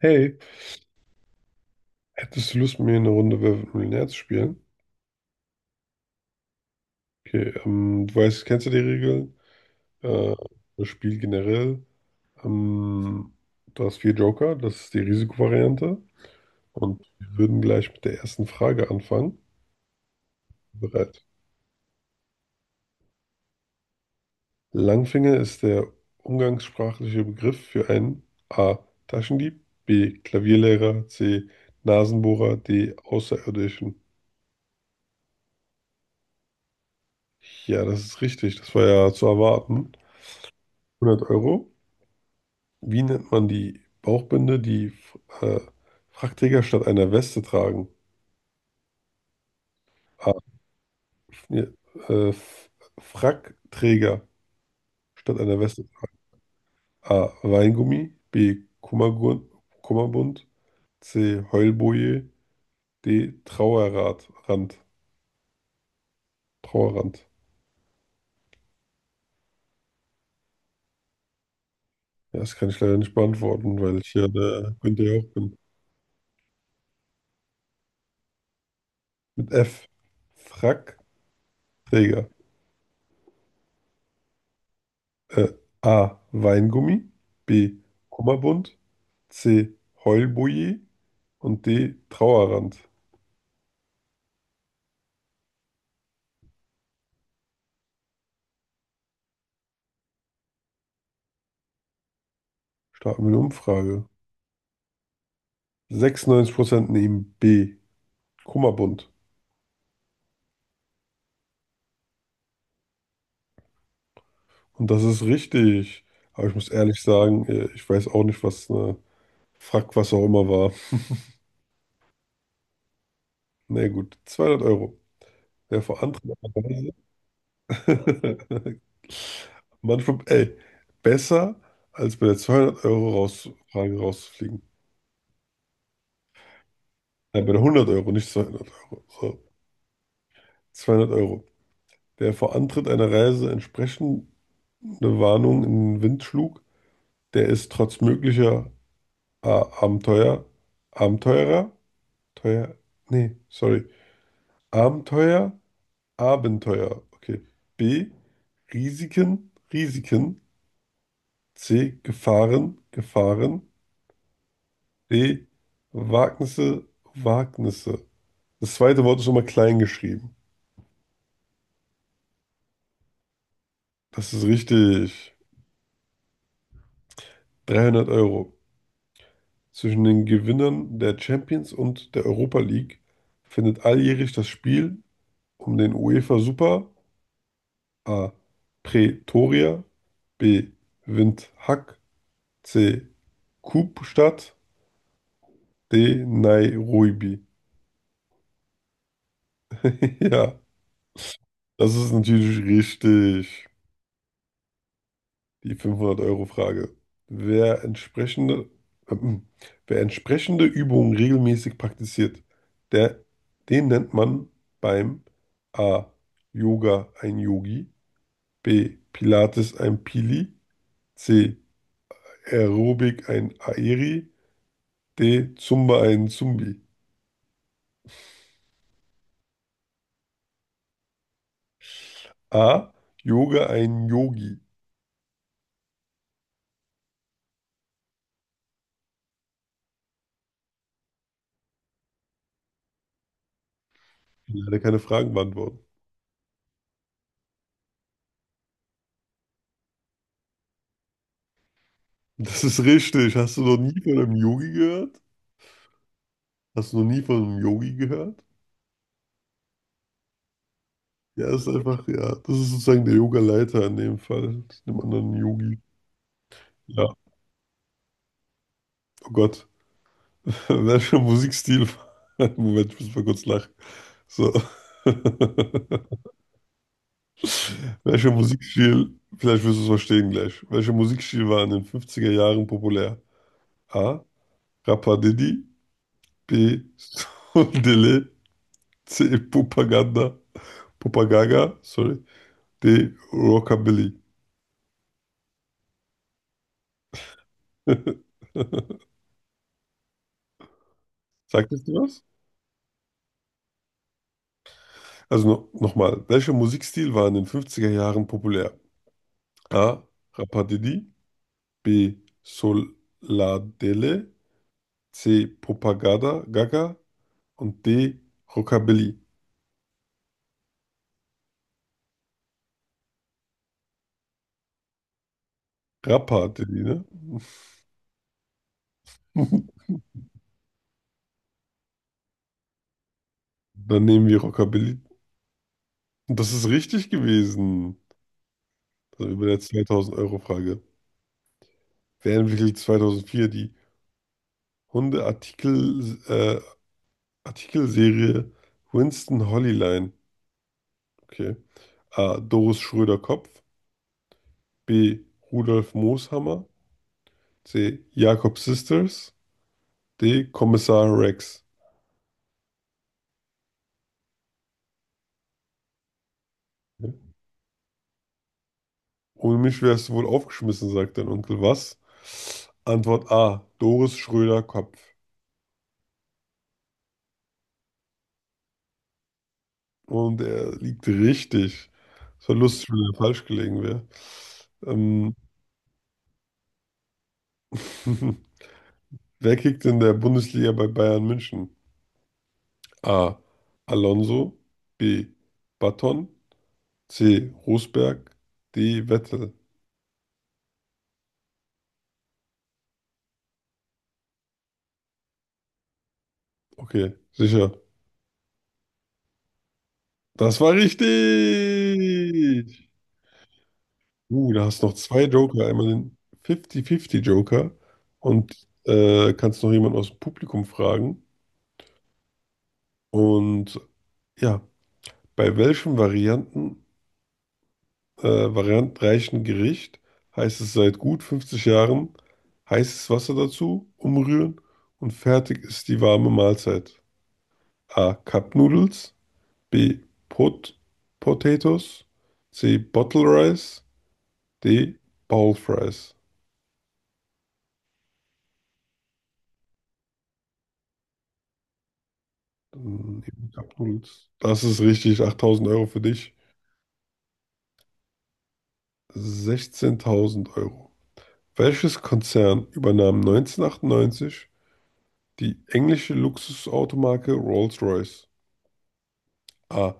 Hey, hättest du Lust, mit mir eine Runde Wer wird Millionär zu spielen? Okay, kennst du die Regeln? Äh, das Spiel generell. Ähm, du hast vier Joker, das ist die Risikovariante. Und wir würden gleich mit der ersten Frage anfangen. Bereit. Langfinger ist der umgangssprachliche Begriff für einen A. Taschendieb, B. Klavierlehrer, C. Nasenbohrer, D. Außerirdischen. Ja, das ist richtig. Das war ja zu erwarten. 100 Euro. Wie nennt man die Bauchbinde, die äh, Frackträger statt einer Weste tragen? A. Nee, Äh, F- Frackträger statt einer Weste tragen. A. Weingummi. B. Kummerbund. C. Heulboje. D. Trauerrad, Rand. Trauerrand. Ja, das kann ich leider nicht beantworten, weil ich ja der Günther Jauch bin. Mit F. Frackträger. Äh, A. Weingummi. B. Kummerbund. C. Heulboje. Und D. Trauerrand. Starten wir eine Umfrage. 96% nehmen B. Kummerbund. Und das ist richtig. Aber ich muss ehrlich sagen, ich weiß auch nicht, was eine Frack, was auch immer war. Na ja, gut, 200 Euro. Wer vor anderen manchmal, ey, besser als bei der 200 Euro Frage rauszufliegen. Nein, bei der 100 Euro, nicht 200 Euro. So, 200 Euro. Der vor Antritt einer Reise entsprechende Warnung in den Wind schlug, der ist trotz möglicher Abenteuer, Abenteurer, teuer, nee, sorry, Abenteuer, Abenteuer, okay. B, Risiken, Risiken. C, Gefahren, Gefahren. D, Wagnisse, Wagnisse. Das zweite Wort ist nochmal klein geschrieben. Das ist richtig. 300 Euro. Zwischen den Gewinnern der Champions und der Europa League findet alljährlich das Spiel um den UEFA Super A. Pretoria. B. Windhoek. C. Kapstadt. D. Nairobi. Ja, das ist natürlich richtig. Die 500-Euro-Frage. Wer entsprechende, ähm, wer entsprechende Übungen regelmäßig praktiziert, der, den nennt man beim A. Yoga ein Yogi. B. Pilates ein Pili. C. Aerobic ein Aeri. D. Zumba einen Zumbi. A. Yoga einen Yogi. Ich kann leider keine Fragen beantworten. Das ist richtig. Hast du noch nie von einem Yogi gehört? Hast du noch nie von einem Yogi gehört? Ja, ist einfach, ja, das ist sozusagen der Yoga-Leiter in dem Fall, dem anderen Yogi. Ja, oh Gott. Welcher Musikstil? Moment, ich muss mal kurz lachen. So. Welcher Musikstil, vielleicht wirst du es verstehen gleich. Welcher Musikstil war in den 50er Jahren populär? A. Rapadiddy. B. Sundele. C. Propaganda. Propagaga Sorry. D. Rockabilly. Sagt das dir was? Also no nochmal. Welcher Musikstil war in den 50er Jahren populär? A. Rapadidi. B. Soladele. C. Propaganda. Gaga. Und D. Rockabilly. Rapadidi, ne? Dann nehmen wir Rockabilly. Und das ist richtig gewesen. Also über der 2000-Euro-Frage. Wer entwickelte 2004 die Hunde-Artikel, äh, Artikelserie Winston Holleline? Okay. A. Doris Schröder-Kopf. B. Rudolf Mooshammer. C. Jakob Sisters. D. Kommissar Rex. Okay. Ohne mich wärst du wohl aufgeschmissen, sagt dein Onkel. Was? Antwort A. Doris Schröder-Kopf. Und er liegt richtig. Es war lustig, wenn er falsch gelegen wäre. Ähm, wer kickt in der Bundesliga bei Bayern München? A. Alonso. B. Button. C. Rosberg. D. Vettel. Okay, sicher. Das war richtig. Da hast du noch zwei Joker. Einmal den 50-50 Joker und kannst noch jemanden aus dem Publikum fragen. Und ja, bei welchem äh, variantenreichen Gericht heißt es seit gut 50 Jahren heißes Wasser dazu, umrühren und fertig ist die warme Mahlzeit. A. Cup Noodles. B. Pot Potatoes. C. Bottle Rice. D. Bowl Fries. Dann nehmen wir Cup Noodles. Das ist richtig. 8000 Euro für dich. 16.000 Euro. Welches Konzern übernahm 1998 die englische Luxusautomarke Rolls-Royce? A.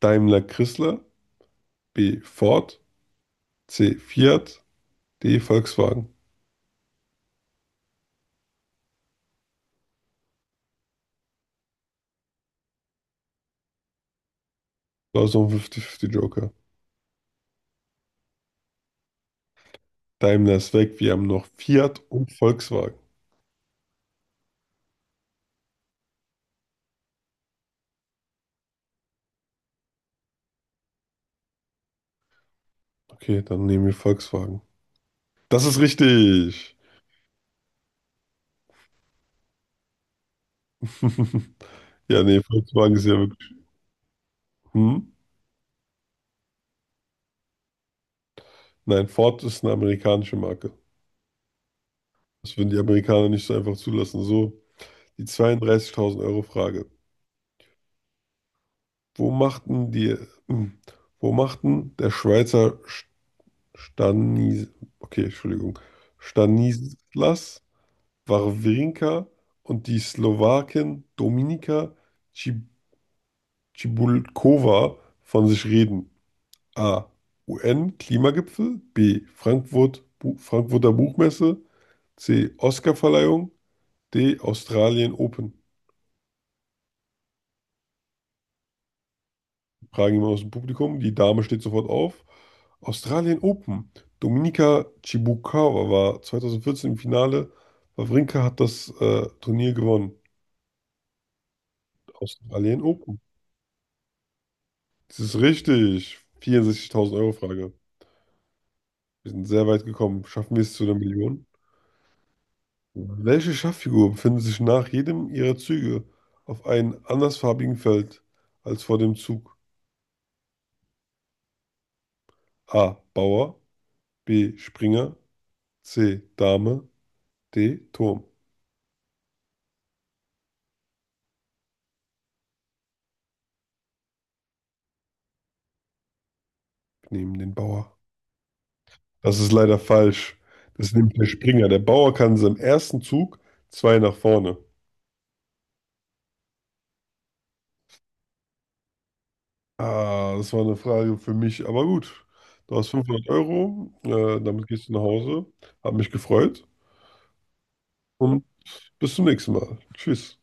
Daimler Chrysler. B. Ford. C. Fiat. D. Volkswagen. Da ist noch ein 50-50 Joker. Daimler ist weg. Wir haben noch Fiat und Volkswagen. Okay, dann nehmen wir Volkswagen. Das ist richtig. Ja, nee, Volkswagen ist ja wirklich. Hm? Nein, Ford ist eine amerikanische Marke. Das würden die Amerikaner nicht so einfach zulassen. So, die 32.000 Euro Frage. Wo machten die, hm, wo machten der Schweizer Stanis, okay, Entschuldigung, Stanislas Wawrinka und die Slowakin Dominika Cib- Cibulková von sich reden? A. UN-Klimagipfel. B. Frankfurter Buchmesse. C. Oscarverleihung. D. Australien Open. Fragen jemand aus dem Publikum. Die Dame steht sofort auf. Australien Open. Dominika Chibukawa war 2014 im Finale. Wawrinka hat das Turnier gewonnen. Australien Open. Das ist richtig. 64.000 Euro Frage. Wir sind sehr weit gekommen. Schaffen wir es zu 1 Million? Welche Schachfigur befindet sich nach jedem ihrer Züge auf einem andersfarbigen Feld als vor dem Zug? A. Bauer, B. Springer, C. Dame, D. Turm. Wir nehmen den Bauer. Das ist leider falsch. Das nimmt der Springer. Der Bauer kann in seinem ersten Zug zwei nach vorne. Ah, das war eine Frage für mich, aber gut. Du hast 500 Euro, damit gehst du nach Hause. Hab mich gefreut und bis zum nächsten Mal. Tschüss.